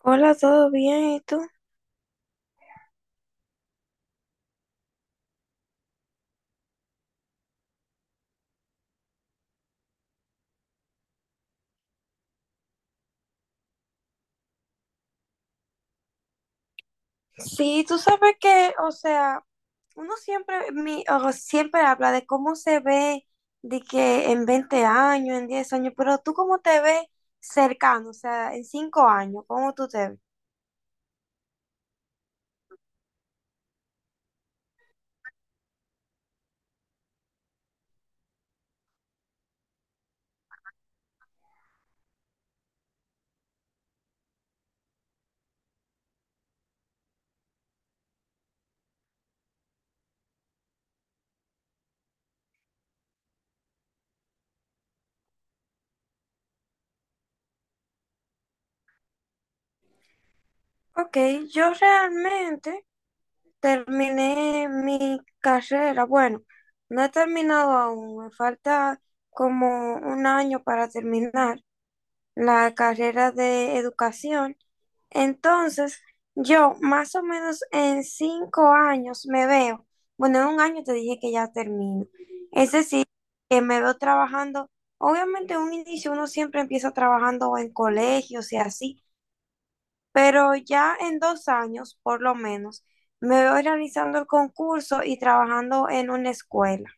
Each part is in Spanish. Hola, ¿todo bien? ¿Y tú? Sí, tú sabes que, o sea, uno siempre, mi, o siempre habla de cómo se ve de que en 20 años, en 10 años, pero tú cómo te ves cercano, o sea, en 5 años, ¿cómo tú te ves? Ok, yo realmente terminé mi carrera. Bueno, no he terminado aún, me falta como un año para terminar la carrera de educación. Entonces, yo más o menos en 5 años me veo, bueno, en un año te dije que ya termino. Es decir, que me veo trabajando, obviamente en un inicio uno siempre empieza trabajando en colegios y así, pero ya en 2 años, por lo menos, me veo realizando el concurso y trabajando en una escuela.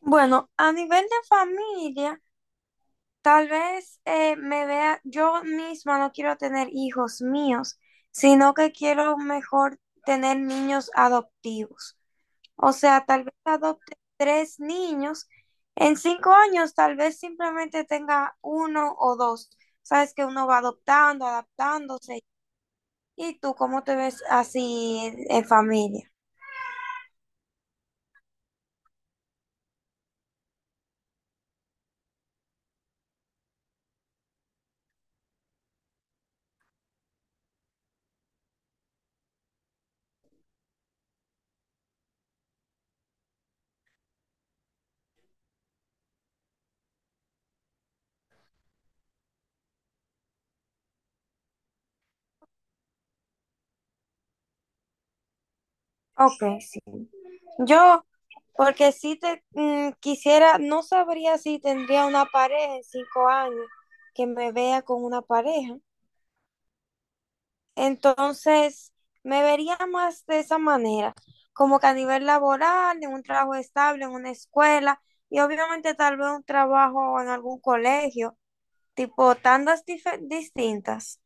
Bueno, a nivel de familia. Tal vez me vea, yo misma no quiero tener hijos míos, sino que quiero mejor tener niños adoptivos. O sea, tal vez adopte tres niños. En 5 años, tal vez simplemente tenga uno o dos. Sabes que uno va adoptando, adaptándose. ¿Y tú cómo te ves así en familia? Ok, sí. Yo porque si te quisiera, no sabría si tendría una pareja en 5 años que me vea con una pareja. Entonces, me vería más de esa manera, como que a nivel laboral, en un trabajo estable, en una escuela y obviamente tal vez un trabajo en algún colegio, tipo tandas distintas.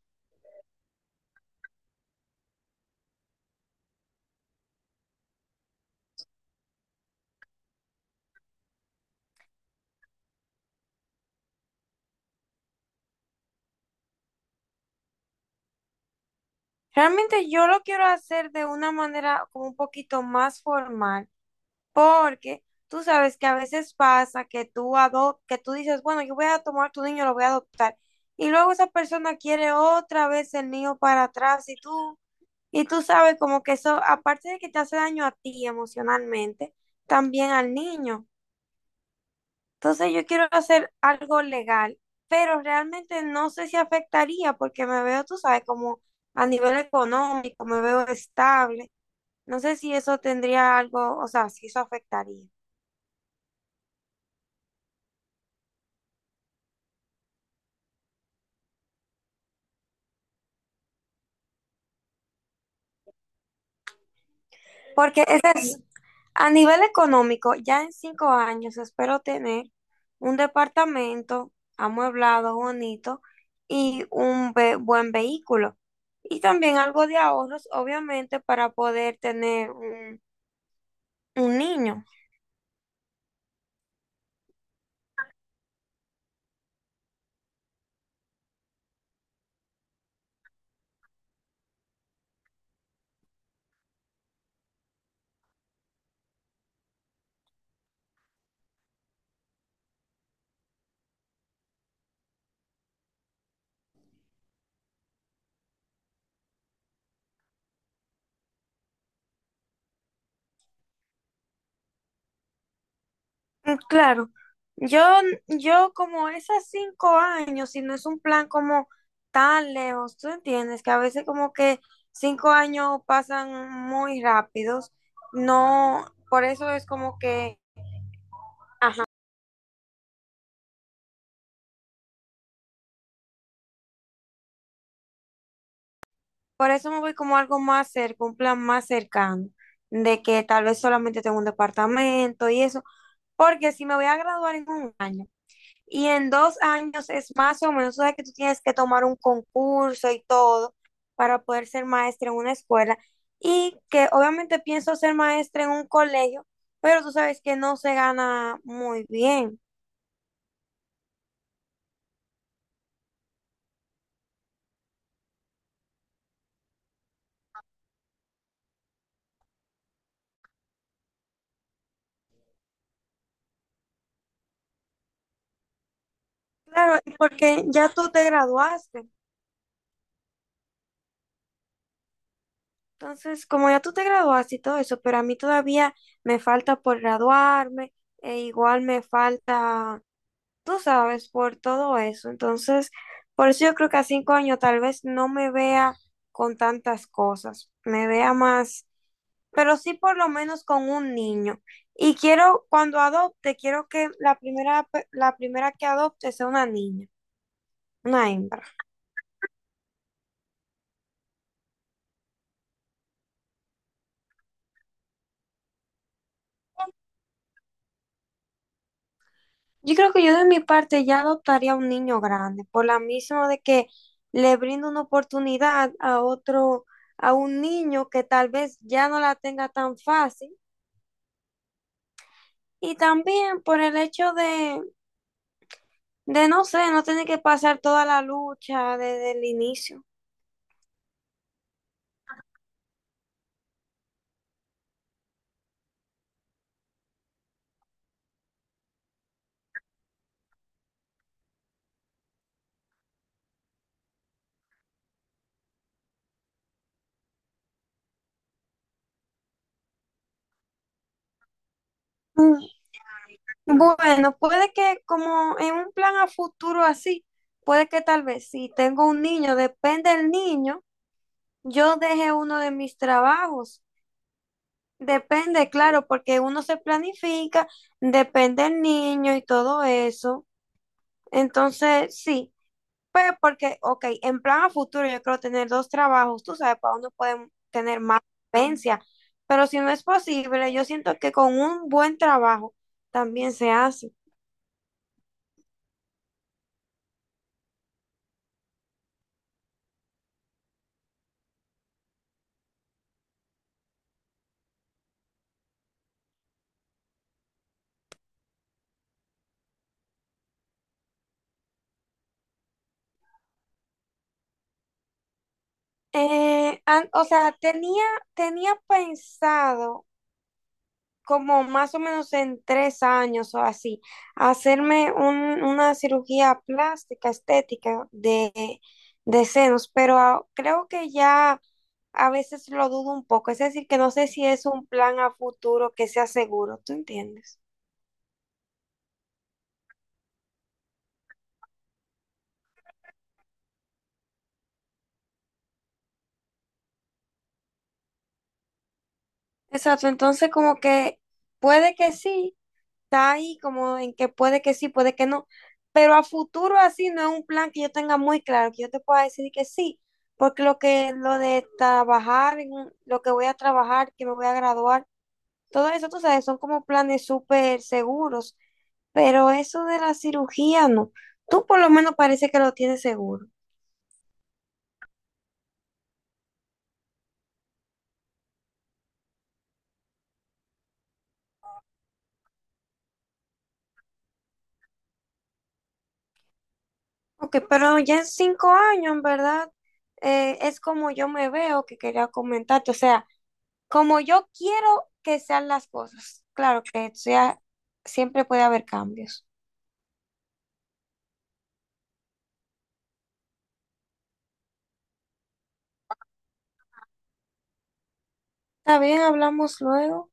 Realmente yo lo quiero hacer de una manera como un poquito más formal, porque tú sabes que a veces pasa que tú dices, bueno, yo voy a tomar tu niño, lo voy a adoptar. Y luego esa persona quiere otra vez el niño para atrás y tú sabes como que eso, aparte de que te hace daño a ti emocionalmente, también al niño. Entonces yo quiero hacer algo legal, pero realmente no sé si afectaría porque me veo, tú sabes, como a nivel económico, me veo estable. No sé si eso tendría algo, o sea, si eso afectaría. Porque ese es, a nivel económico, ya en 5 años espero tener un departamento amueblado, bonito y un buen vehículo. Y también algo de ahorros, obviamente, para poder tener un niño. Mm, claro, yo, yo como esas 5 años, si no es un plan como tan lejos, tú entiendes que a veces como que 5 años pasan muy rápidos, no, por eso es como que, por eso me voy como algo más cerca, un plan más cercano, de que tal vez solamente tengo un departamento y eso, porque si me voy a graduar en un año, y en 2 años es más o menos, o sea, que tú tienes que tomar un concurso y todo para poder ser maestra en una escuela. Y que obviamente pienso ser maestra en un colegio, pero tú sabes que no se gana muy bien. Claro, y porque ya tú te graduaste. Entonces, como ya tú te graduaste y todo eso, pero a mí todavía me falta por graduarme, e igual me falta, tú sabes, por todo eso. Entonces, por eso yo creo que a 5 años tal vez no me vea con tantas cosas, me vea más, pero sí por lo menos con un niño. Y quiero, cuando adopte, quiero que la primera que adopte sea una niña, una hembra. Yo creo que yo de mi parte ya adoptaría un niño grande, por la misma de que le brindo una oportunidad a otro, a un niño que tal vez ya no la tenga tan fácil. Y también por el hecho de no sé, no tener que pasar toda la lucha desde el inicio. Mm, bueno, puede que como en un plan a futuro así, puede que tal vez si tengo un niño, depende del niño, yo deje uno de mis trabajos. Depende, claro, porque uno se planifica, depende del niño y todo eso. Entonces, sí. Pues porque, ok, en plan a futuro yo creo tener dos trabajos, tú sabes, para uno puede tener más solvencia, pero si no es posible, yo siento que con un buen trabajo también se hace. O sea, tenía pensado como más o menos en 3 años o así, hacerme una cirugía plástica, estética de senos, pero creo que ya a veces lo dudo un poco, es decir, que no sé si es un plan a futuro que sea seguro, ¿tú entiendes? Exacto, entonces como que puede que sí, está ahí como en que puede que sí, puede que no, pero a futuro así no es un plan que yo tenga muy claro, que yo te pueda decir que sí, porque lo que lo de trabajar, lo que voy a trabajar, que me voy a graduar, todo eso, tú sabes, son como planes súper seguros, pero eso de la cirugía no. Tú por lo menos parece que lo tienes seguro. Ok, pero ya en 5 años, en verdad, es como yo me veo que quería comentarte. O sea, como yo quiero que sean las cosas. Claro que sea, siempre puede haber cambios. Está bien, hablamos luego.